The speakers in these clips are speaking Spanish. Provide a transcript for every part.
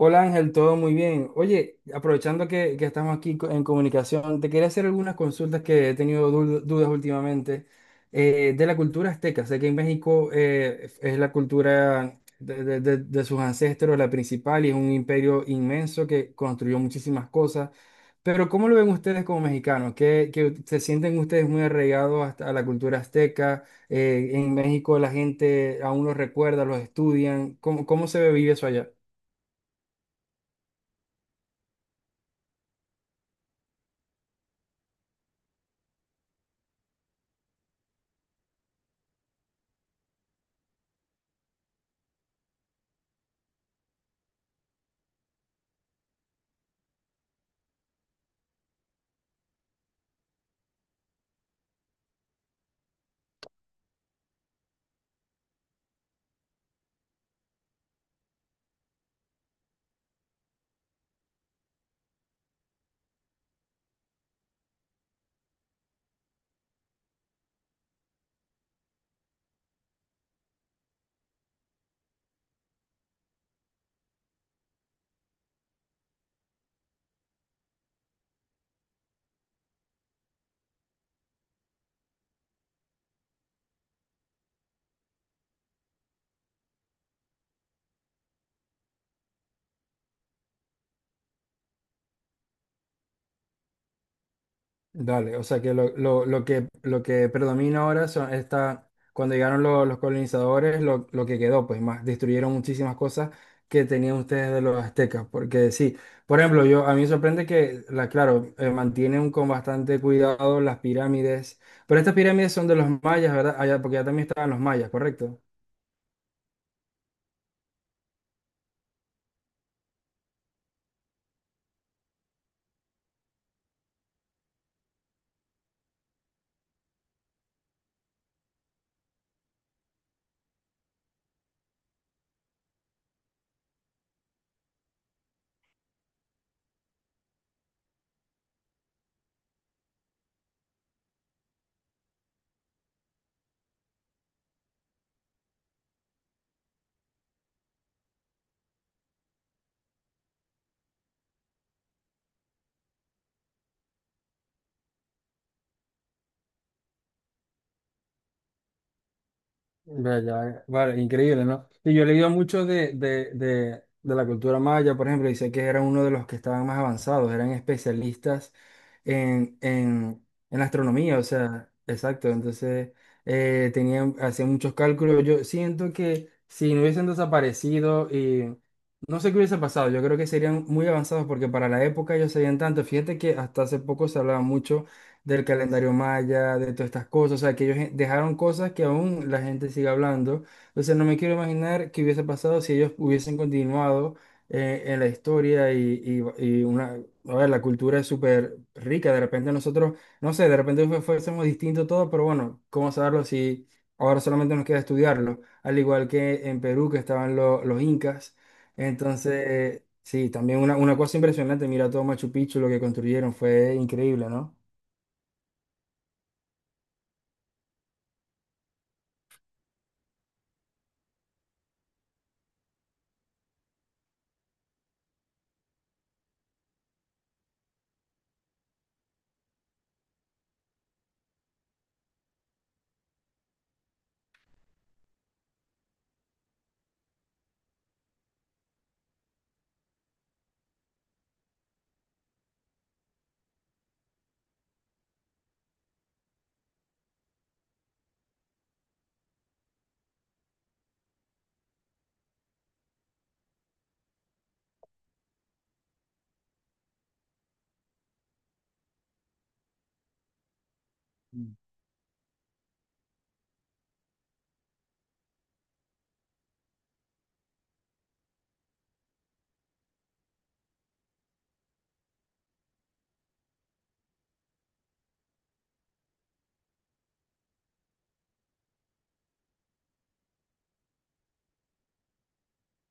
Hola Ángel, todo muy bien. Oye, aprovechando que estamos aquí en comunicación, te quería hacer algunas consultas que he tenido dudas últimamente de la cultura azteca. Sé que en México es la cultura de sus ancestros la principal y es un imperio inmenso que construyó muchísimas cosas. Pero ¿cómo lo ven ustedes como mexicanos? ¿Qué se sienten ustedes muy arraigados hasta a la cultura azteca? En México la gente aún los recuerda, los estudian. ¿Cómo se vive eso allá? Dale, o sea que lo que predomina ahora son esta, cuando llegaron los colonizadores, lo que quedó, pues más, destruyeron muchísimas cosas que tenían ustedes de los aztecas, porque sí, por ejemplo, yo a mí me sorprende que, la, claro, mantienen con bastante cuidado las pirámides, pero estas pirámides son de los mayas, ¿verdad? Allá, porque ya también estaban los mayas, ¿correcto? Vea, ya, vale, increíble, ¿no? Y yo he leído mucho de la cultura maya, por ejemplo, y sé que eran uno de los que estaban más avanzados, eran especialistas en astronomía, o sea, exacto, entonces tenían, hacían muchos cálculos. Yo siento que si no hubiesen desaparecido y no sé qué hubiese pasado, yo creo que serían muy avanzados porque para la época ellos sabían tanto. Fíjate que hasta hace poco se hablaba mucho del calendario maya, de todas estas cosas, o sea, que ellos dejaron cosas que aún la gente sigue hablando. Entonces no me quiero imaginar qué hubiese pasado si ellos hubiesen continuado en la historia y una, a ver, la cultura es súper rica, de repente nosotros, no sé, de repente fuésemos distinto todo, pero bueno, ¿cómo saberlo si ahora solamente nos queda estudiarlo? Al igual que en Perú, que estaban los incas. Entonces, sí, también una cosa impresionante, mira todo Machu Picchu, lo que construyeron, fue increíble, ¿no?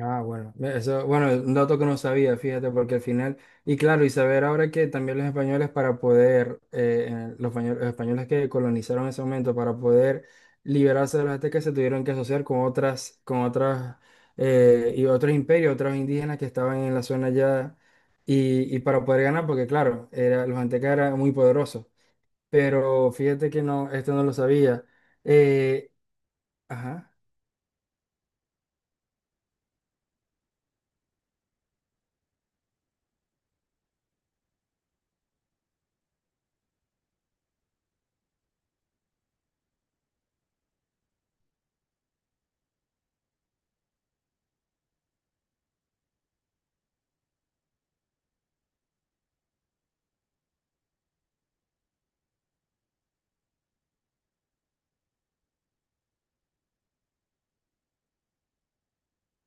Ah, bueno, eso, bueno, un dato que no sabía, fíjate, porque al final, y claro, y saber ahora que también los españoles para poder, los los españoles que colonizaron ese momento, para poder liberarse de los aztecas, se tuvieron que asociar con otras, y otros imperios, otros indígenas que estaban en la zona ya, y para poder ganar, porque claro, era, los aztecas eran muy poderosos, pero fíjate que no, esto no lo sabía. Eh, ajá,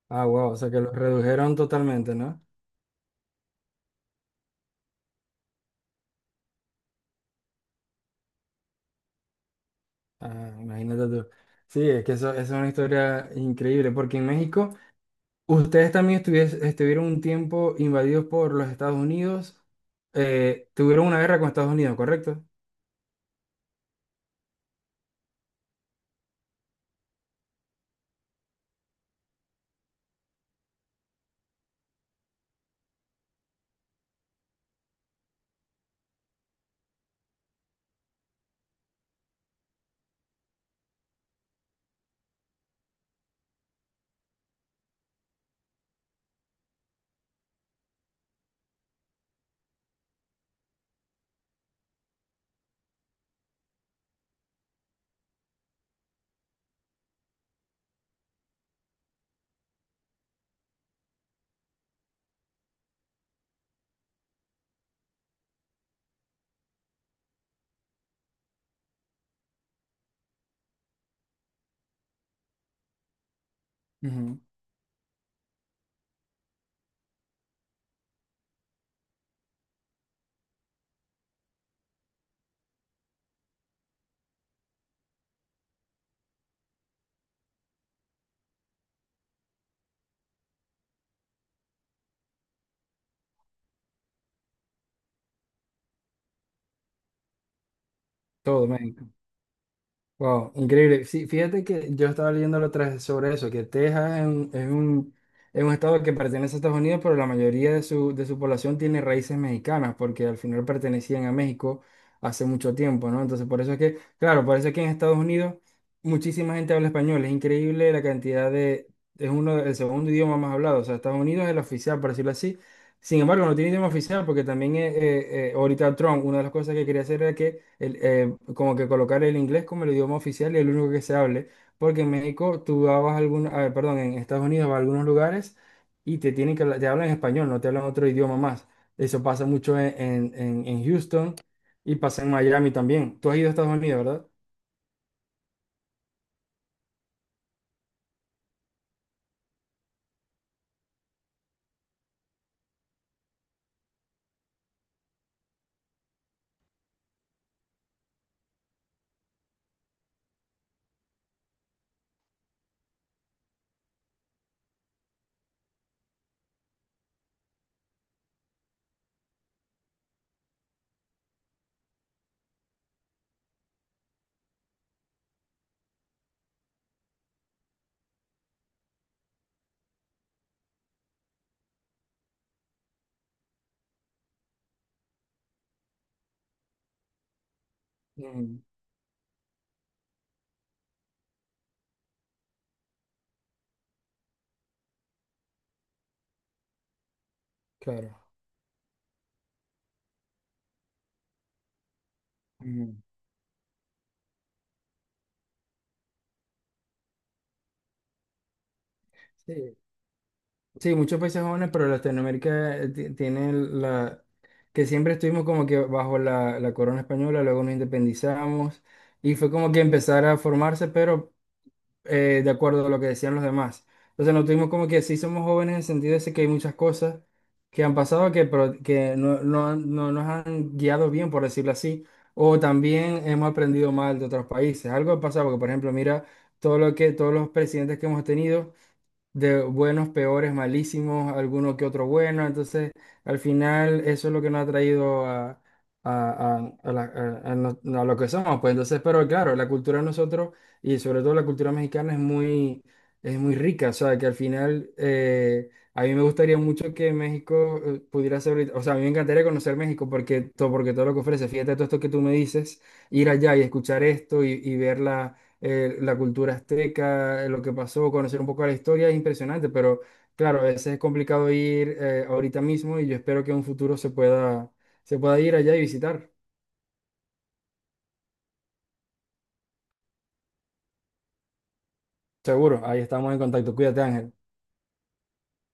ah, wow, o sea que los redujeron totalmente, ¿no? Ah, imagínate tú. Sí, es que eso es una historia increíble, porque en México ustedes también estuvieron un tiempo invadidos por los Estados Unidos, tuvieron una guerra con Estados Unidos, ¿correcto? Ujú. Todo México. Wow, increíble. Sí, fíjate que yo estaba leyendo la otra vez sobre eso, que Texas es un estado que pertenece a Estados Unidos, pero la mayoría de su población tiene raíces mexicanas, porque al final pertenecían a México hace mucho tiempo, ¿no? Entonces, por eso es que, claro, por eso es que en Estados Unidos muchísima gente habla español. Es increíble la cantidad de, es uno, el segundo idioma más hablado. O sea, Estados Unidos es el oficial, por decirlo así, sin embargo, no tiene idioma oficial porque también ahorita Trump, una de las cosas que quería hacer era que el, como que colocar el inglés como el idioma oficial y el único que se hable, porque en México tú vas a algún, a ver, perdón, en Estados Unidos vas a algunos lugares y te tienen que te hablan español, no te hablan otro idioma más. Eso pasa mucho en Houston y pasa en Miami también. Tú has ido a Estados Unidos, ¿verdad? Mm, claro. Mm. Sí. Sí, muchos países jóvenes, pero Latinoamérica tiene la... que siempre estuvimos como que bajo la, la corona española, luego nos independizamos y fue como que empezar a formarse, pero de acuerdo a lo que decían los demás. Entonces nos tuvimos como que sí somos jóvenes en el sentido ese que hay muchas cosas que han pasado que, que no nos han guiado bien, por decirlo así, o también hemos aprendido mal de otros países. Algo ha pasado, porque por ejemplo, mira todo lo que, todos los presidentes que hemos tenido de buenos, peores, malísimos, alguno que otro bueno. Entonces, al final, eso es lo que nos ha traído a la- a no- a lo que somos. Pues entonces, pero claro, la cultura de nosotros y sobre todo la cultura mexicana es muy rica. O sea, que al final, a mí me gustaría mucho que México pudiera ser, o sea, a mí me encantaría conocer México porque todo lo que ofrece, fíjate todo esto que tú me dices, ir allá y escuchar esto y verla la cultura azteca, lo que pasó, conocer un poco la historia es impresionante, pero claro, a veces es complicado ir ahorita mismo y yo espero que en un futuro se pueda ir allá y visitar. Seguro, ahí estamos en contacto. Cuídate, Ángel.